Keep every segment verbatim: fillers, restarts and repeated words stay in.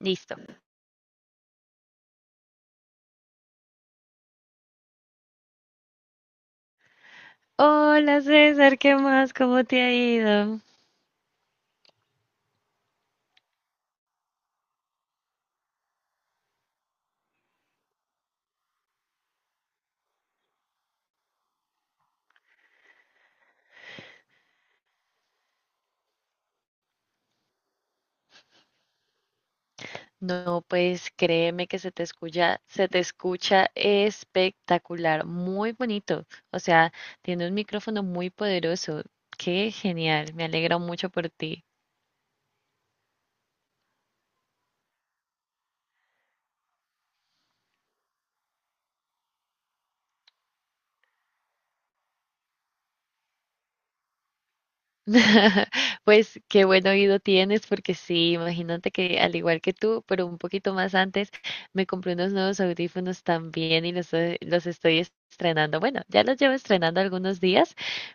Listo. Hola César, ¿qué más? ¿Cómo te ha ido? No, pues créeme que se te escucha, se te escucha espectacular, muy bonito. O sea, tiene un micrófono muy poderoso. Qué genial, me alegro mucho por ti. Pues qué buen oído tienes, porque sí, imagínate que al igual que tú, pero un poquito más antes, me compré unos nuevos audífonos también y los, eh, los estoy estrenando. Bueno, ya los llevo estrenando algunos días,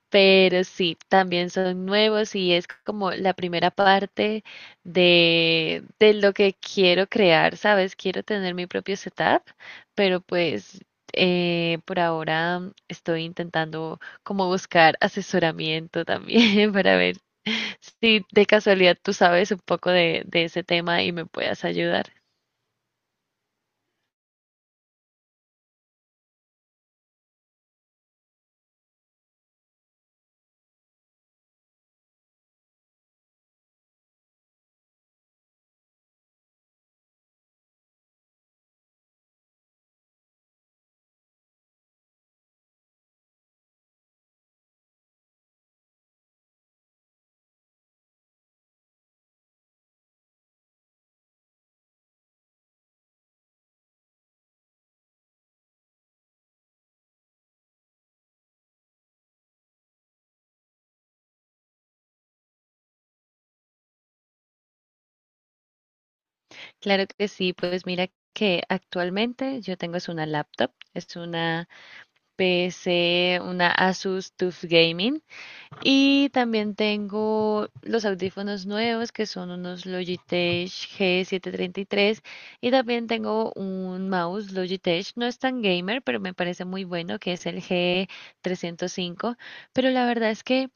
pero sí, también son nuevos y es como la primera parte de, de lo que quiero crear, ¿sabes? Quiero tener mi propio setup, pero pues eh, por ahora estoy intentando como buscar asesoramiento también para ver si de casualidad tú sabes un poco de, de ese tema y me puedas ayudar. Claro que sí, pues mira que actualmente yo tengo es una laptop, es una P C, una Asus TUF Gaming. Y también tengo los audífonos nuevos que son unos Logitech G setecientos treinta y tres y tres, y también tengo un mouse Logitech, no es tan gamer, pero me parece muy bueno, que es el G tres cero cinco, pero la verdad es que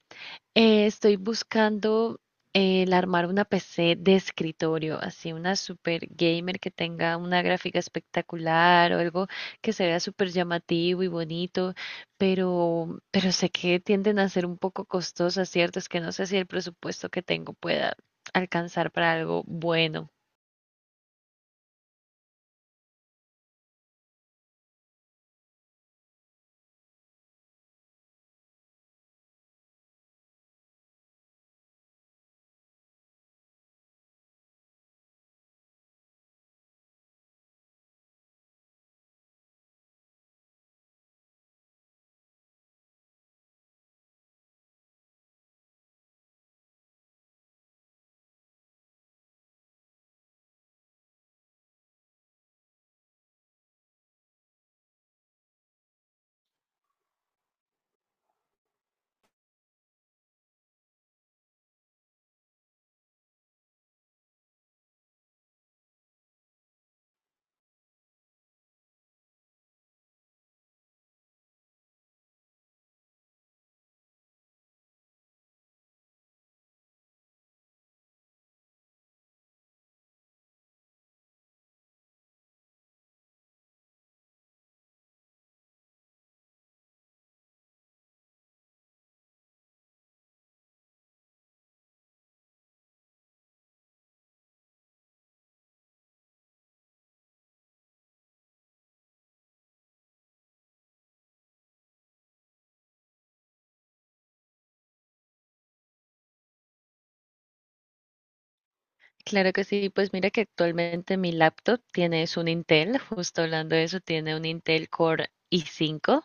eh, estoy buscando eh, el armar una P C de escritorio, así una super gamer que tenga una gráfica espectacular o algo que se vea súper llamativo y bonito, pero, pero sé que tienden a ser un poco costosas, ¿cierto? Es que no sé si el presupuesto que tengo pueda alcanzar para algo bueno. Claro que sí, pues mira que actualmente mi laptop tiene es un Intel, justo hablando de eso, tiene un Intel Core i cinco.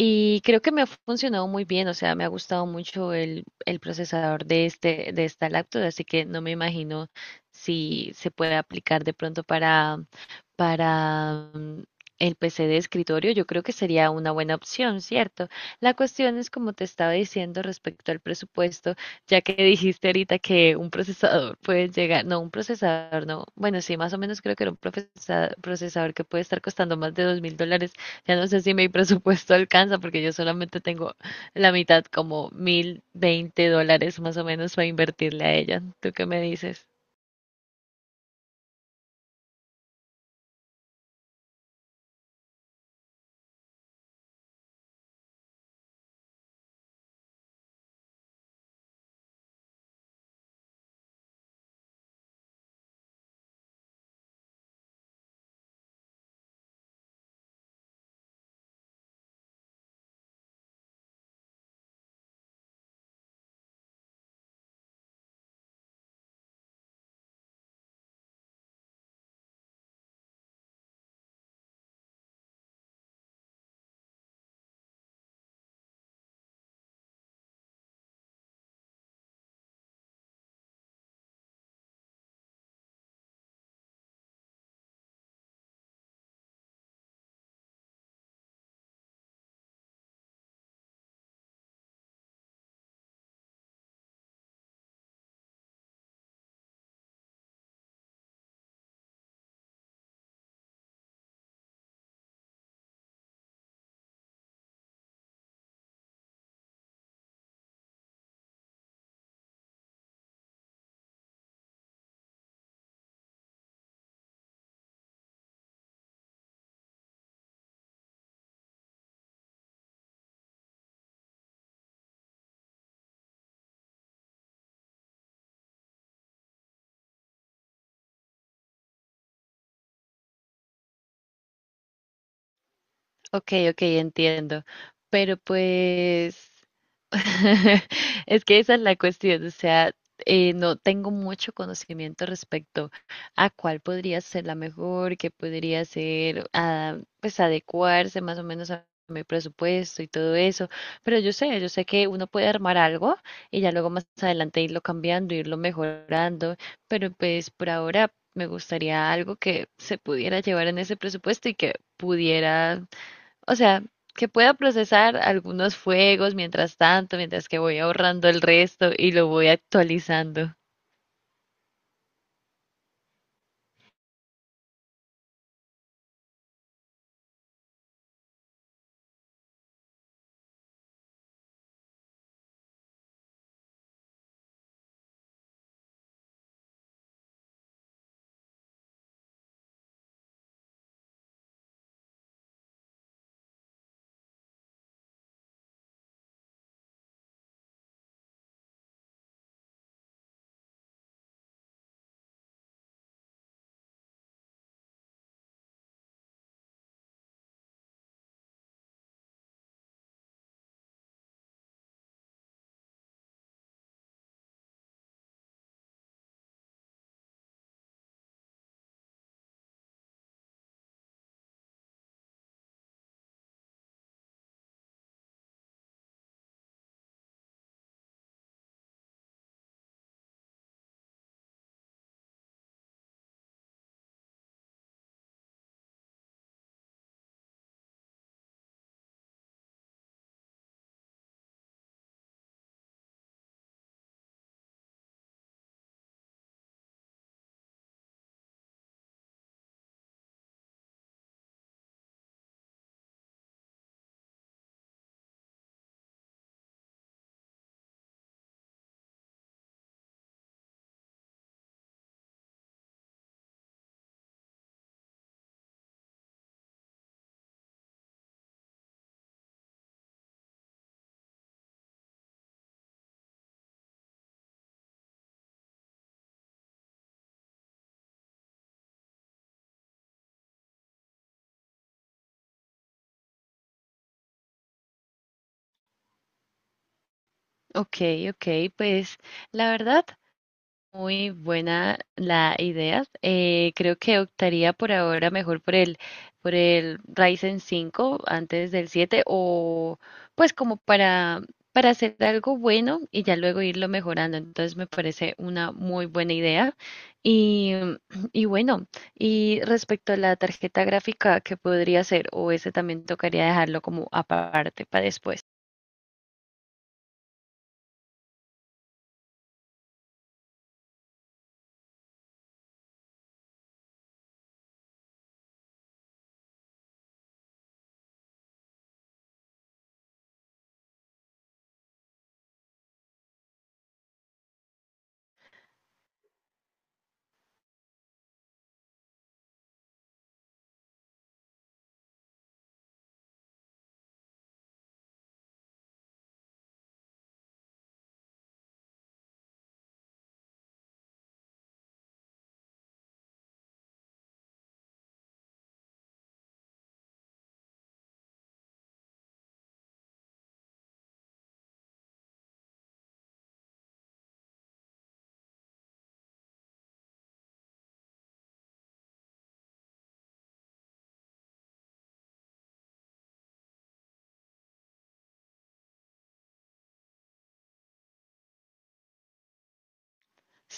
Y creo que me ha funcionado muy bien, o sea, me ha gustado mucho el, el procesador de este, de esta laptop, así que no me imagino si se puede aplicar de pronto para, para mm, el P C de escritorio. Yo creo que sería una buena opción, ¿cierto? La cuestión es, como te estaba diciendo respecto al presupuesto, ya que dijiste ahorita que un procesador puede llegar, no, un procesador, no, bueno, sí, más o menos creo que era un profesa- procesador que puede estar costando más de dos mil dólares. Ya no sé si mi presupuesto alcanza, porque yo solamente tengo la mitad, como mil veinte dólares más o menos para invertirle a ella. ¿Tú qué me dices? Ok, ok, entiendo. Pero pues es que esa es la cuestión, o sea, eh, no tengo mucho conocimiento respecto a cuál podría ser la mejor, qué podría ser, ah, pues adecuarse más o menos a mi presupuesto y todo eso. Pero yo sé, yo sé que uno puede armar algo y ya luego más adelante irlo cambiando, irlo mejorando, pero pues por ahora me gustaría algo que se pudiera llevar en ese presupuesto y que pudiera, o sea, que pueda procesar algunos fuegos mientras tanto, mientras que voy ahorrando el resto y lo voy actualizando. Ok, ok, pues la verdad, muy buena la idea. Eh, creo que optaría por ahora mejor por el, por el Ryzen cinco antes del siete, o pues como para, para hacer algo bueno y ya luego irlo mejorando. Entonces me parece una muy buena idea. Y, y bueno, y respecto a la tarjeta gráfica, ¿qué podría ser? O ese también tocaría dejarlo como aparte para después.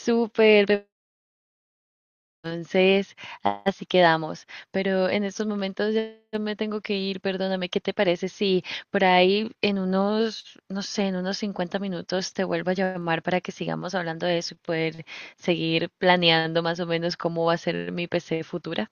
Súper, entonces, así quedamos. Pero en estos momentos ya me tengo que ir, perdóname, ¿qué te parece si por ahí en unos, no sé, en unos cincuenta minutos te vuelvo a llamar para que sigamos hablando de eso y poder seguir planeando más o menos cómo va a ser mi P C futura?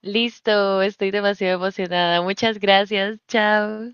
Listo, estoy demasiado emocionada. Muchas gracias. Chao.